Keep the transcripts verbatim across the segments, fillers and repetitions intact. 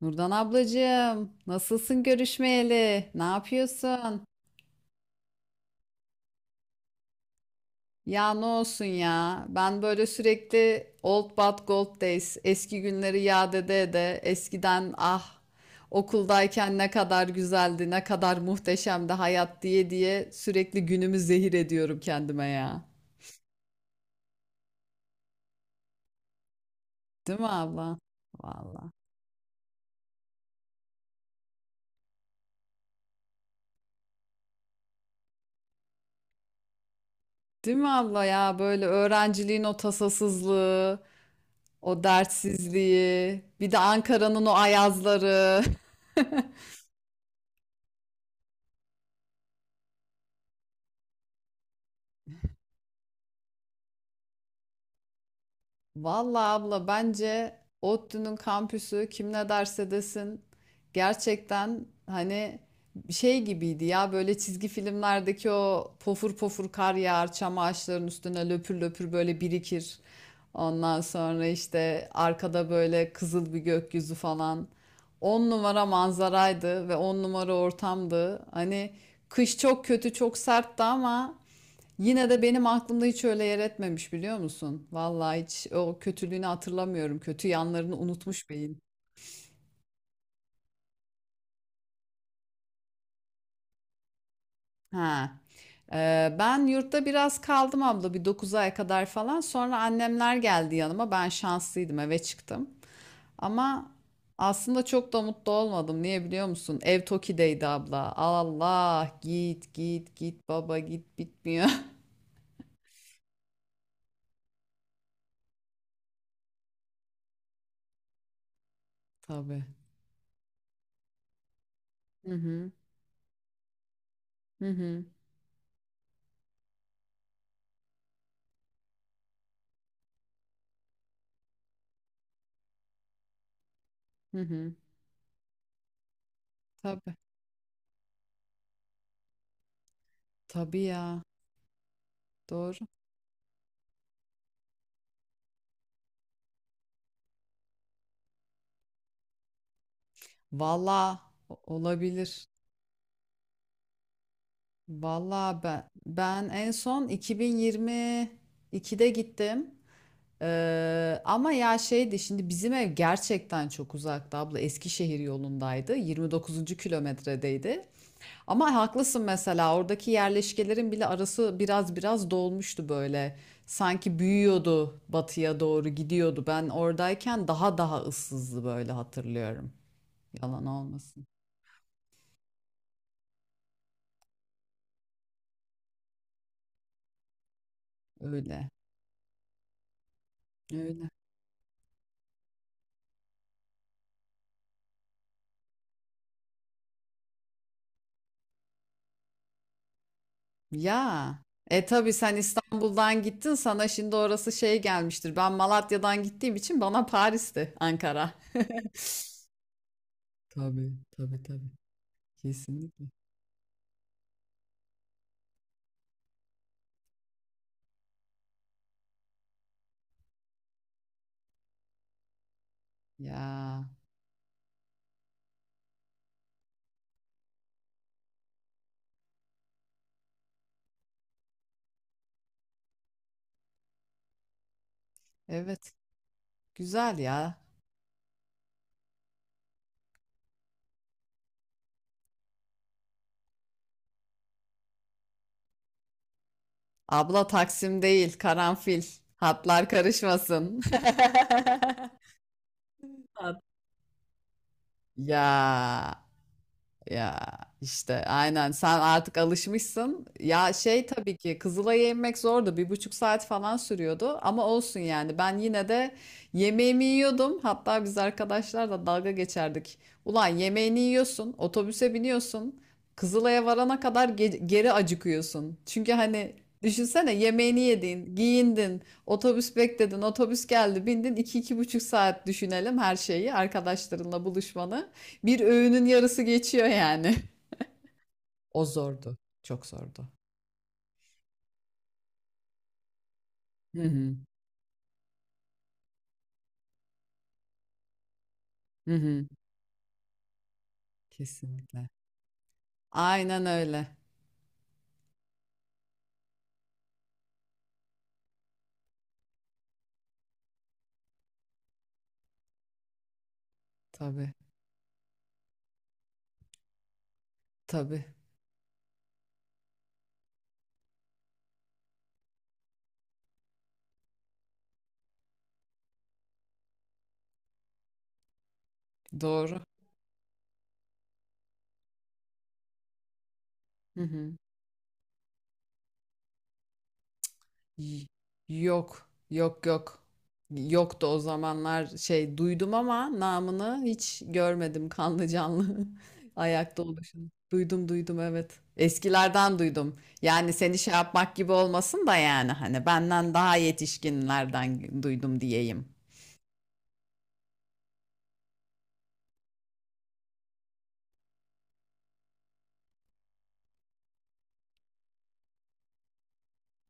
Nurdan ablacığım, nasılsın görüşmeyeli? Ne yapıyorsun? Ya ne olsun ya? Ben böyle sürekli old but gold days, eski günleri yad ede ede, eskiden, ah, okuldayken ne kadar güzeldi, ne kadar muhteşemdi hayat diye diye sürekli günümü zehir ediyorum kendime ya. Değil mi abla? Vallahi. Değil mi abla ya? Böyle öğrenciliğin o tasasızlığı, o dertsizliği, bir de Ankara'nın o ayazları. Vallahi abla, bence ODTÜ'nün kampüsü kim ne derse desin gerçekten, hani şey gibiydi ya, böyle çizgi filmlerdeki o, pofur pofur kar yağar çam ağaçlarının üstüne löpür löpür böyle birikir. Ondan sonra işte arkada böyle kızıl bir gökyüzü falan. On numara manzaraydı ve on numara ortamdı. Hani kış çok kötü, çok sertti ama yine de benim aklımda hiç öyle yer etmemiş, biliyor musun? Vallahi hiç o kötülüğünü hatırlamıyorum. Kötü yanlarını unutmuş beyin. Ha. Ee, ben yurtta biraz kaldım abla, bir dokuz ay kadar falan. Sonra annemler geldi yanıma. Ben şanslıydım, eve çıktım. Ama aslında çok da mutlu olmadım. Niye biliyor musun? Ev Toki'deydi abla. Allah git git git baba git, bitmiyor. Tabii. Hı hı. Hı hı. Hı hı. Tabii. Tabii ya. Doğru. Valla olabilir. Valla ben ben en son iki bin yirmi ikide gittim. Ee, ama ya şeydi, şimdi bizim ev gerçekten çok uzakta abla, Eskişehir yolundaydı, yirmi dokuzuncu kilometredeydi, ama haklısın, mesela oradaki yerleşkelerin bile arası biraz biraz dolmuştu böyle, sanki büyüyordu, batıya doğru gidiyordu. Ben oradayken daha daha ıssızdı böyle, hatırlıyorum, yalan olmasın. Öyle öyle. Ya. E tabii sen İstanbul'dan gittin, sana şimdi orası şey gelmiştir. Ben Malatya'dan gittiğim için bana Paris'ti Ankara. Tabii, tabii, tabii. Kesinlikle. Ya evet, güzel ya. Abla Taksim değil, Karanfil. Hatlar karışmasın. Hat- Ya, Ya işte aynen, sen artık alışmışsın. Ya şey, tabii ki Kızılay'a inmek zordu. Bir buçuk saat falan sürüyordu. Ama olsun, yani ben yine de yemeğimi yiyordum. Hatta biz arkadaşlar da dalga geçerdik. Ulan yemeğini yiyorsun, otobüse biniyorsun, Kızılay'a varana kadar ge- geri acıkıyorsun. Çünkü hani, düşünsene, yemeğini yedin, giyindin, otobüs bekledin, otobüs geldi, bindin. iki, iki buçuk saat düşünelim her şeyi, arkadaşlarınla buluşmanı. Bir öğünün yarısı geçiyor yani. O zordu. Çok zordu. Hı hı, hı hı, kesinlikle. Aynen öyle. Tabii, tabii. Doğru. Hı hı. Y- Yok, yok, yok. Yoktu o zamanlar, şey, duydum ama namını hiç görmedim kanlı canlı ayakta oluşunu. Duydum, duydum, evet. Eskilerden duydum. Yani seni şey yapmak gibi olmasın da, yani hani benden daha yetişkinlerden duydum diyeyim.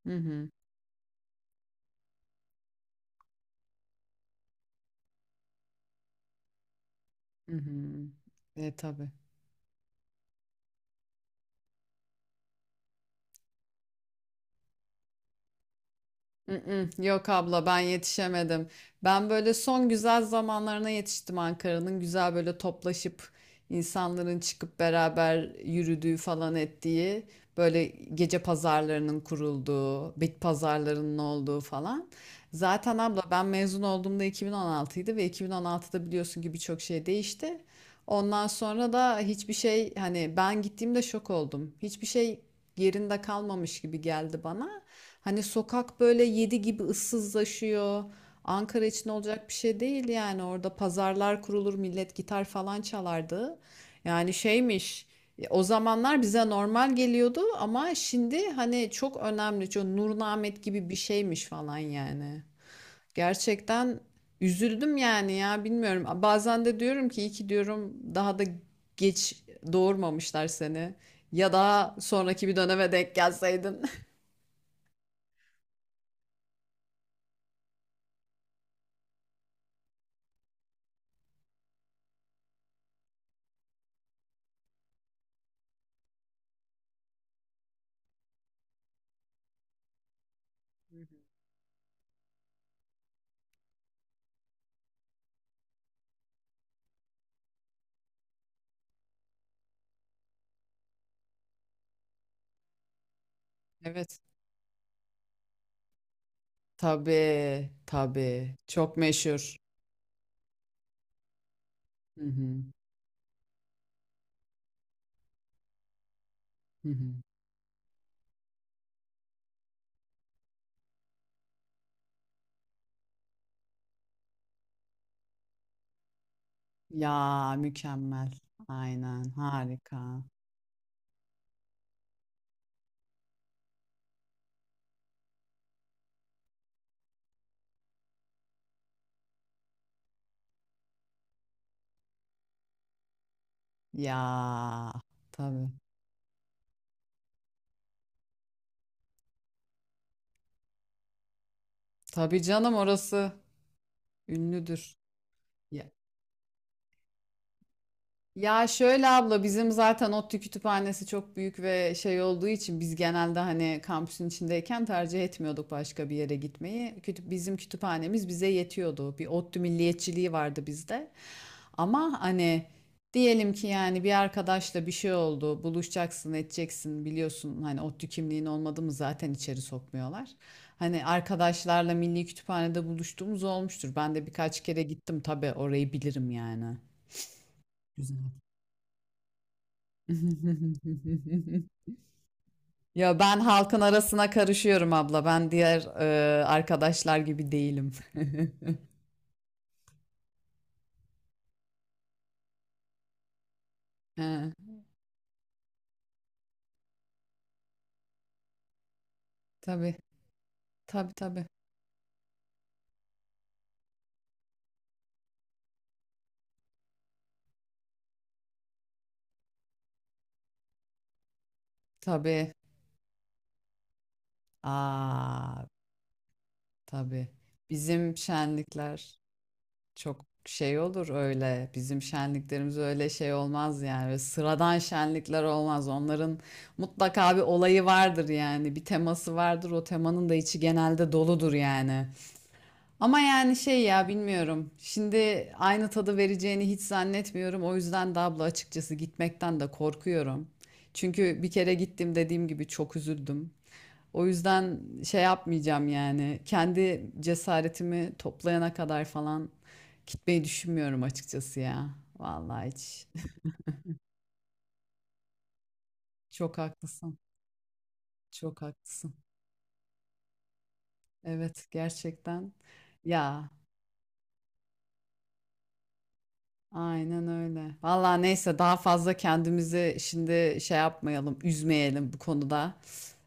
Hı hı. Hı hı. E tabii. Mm-mm, yok abla, ben yetişemedim. Ben böyle son güzel zamanlarına yetiştim Ankara'nın. Güzel böyle toplaşıp insanların çıkıp beraber yürüdüğü falan ettiği, böyle gece pazarlarının kurulduğu, bit pazarlarının olduğu falan. Zaten abla ben mezun olduğumda iki bin on altıydı ve iki bin on altıda biliyorsun ki birçok şey değişti. Ondan sonra da hiçbir şey, hani ben gittiğimde şok oldum. Hiçbir şey yerinde kalmamış gibi geldi bana. Hani sokak böyle yedi gibi ıssızlaşıyor. Ankara için olacak bir şey değil yani. Orada pazarlar kurulur, millet gitar falan çalardı. Yani şeymiş, o zamanlar bize normal geliyordu ama şimdi hani çok önemli. Çok Nur Nahmet gibi bir şeymiş falan yani. Gerçekten üzüldüm yani, ya bilmiyorum. Bazen de diyorum ki, iyi ki diyorum daha da geç doğurmamışlar seni. Ya daha sonraki bir döneme denk gelseydin. Evet. Tabii, tabii. Çok meşhur. Hı hı, hı hı. Ya mükemmel. Aynen harika. Ya tabii. Tabii canım, orası ünlüdür. Ya, Ya şöyle abla, bizim zaten ODTÜ kütüphanesi çok büyük ve şey olduğu için biz genelde, hani kampüsün içindeyken tercih etmiyorduk başka bir yere gitmeyi. Kütüp bizim kütüphanemiz bize yetiyordu. Bir ODTÜ milliyetçiliği vardı bizde. Ama hani diyelim ki yani, bir arkadaşla bir şey oldu, buluşacaksın, edeceksin, biliyorsun hani ODTÜ kimliğin olmadı mı zaten içeri sokmuyorlar. Hani arkadaşlarla Milli Kütüphane'de buluştuğumuz olmuştur. Ben de birkaç kere gittim, tabii orayı bilirim yani. Güzel. Ya ben halkın arasına karışıyorum abla. Ben diğer e, arkadaşlar gibi değilim. He, tabii, tabii, tabii, tabii. Aa, tabii. Bizim şenlikler çok şey olur öyle. Bizim şenliklerimiz öyle şey olmaz yani. Böyle sıradan şenlikler olmaz. Onların mutlaka bir olayı vardır yani. Bir teması vardır. O temanın da içi genelde doludur yani. Ama yani şey, ya bilmiyorum. Şimdi aynı tadı vereceğini hiç zannetmiyorum. O yüzden de abla, açıkçası gitmekten de korkuyorum. Çünkü bir kere gittim, dediğim gibi, çok üzüldüm. O yüzden şey yapmayacağım yani. Kendi cesaretimi toplayana kadar falan gitmeyi düşünmüyorum açıkçası ya. Vallahi hiç. Çok haklısın. Çok haklısın. Evet, gerçekten. Ya, aynen öyle. Vallahi neyse, daha fazla kendimizi şimdi şey yapmayalım, üzmeyelim bu konuda.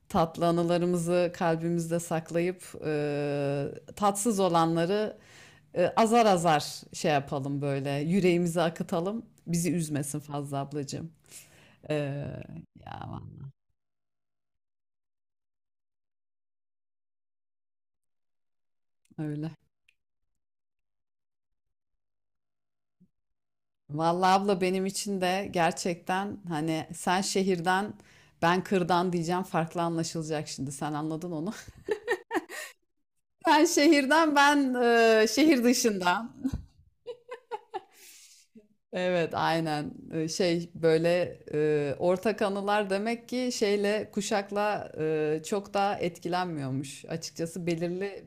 Tatlı anılarımızı kalbimizde saklayıp e, tatsız olanları e, azar azar şey yapalım böyle, yüreğimizi akıtalım. Bizi üzmesin fazla ablacığım. E, ya öyle. Vallahi abla, benim için de gerçekten, hani sen şehirden ben kırdan diyeceğim, farklı anlaşılacak, şimdi sen anladın onu. Ben şehirden, ben e, şehir dışından. Evet aynen. E, şey, böyle e, ortak anılar demek ki şeyle, kuşakla e, çok da etkilenmiyormuş. Açıkçası belirli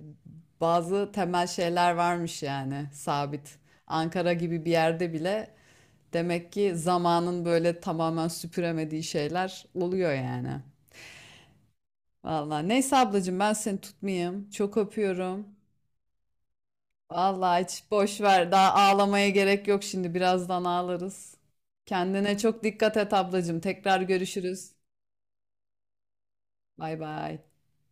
bazı temel şeyler varmış yani, sabit. Ankara gibi bir yerde bile demek ki zamanın böyle tamamen süpüremediği şeyler oluyor yani. Vallahi neyse ablacığım, ben seni tutmayayım. Çok öpüyorum. Vallahi hiç, boş ver. Daha ağlamaya gerek yok şimdi. Birazdan ağlarız. Kendine çok dikkat et ablacığım. Tekrar görüşürüz. Bay bay.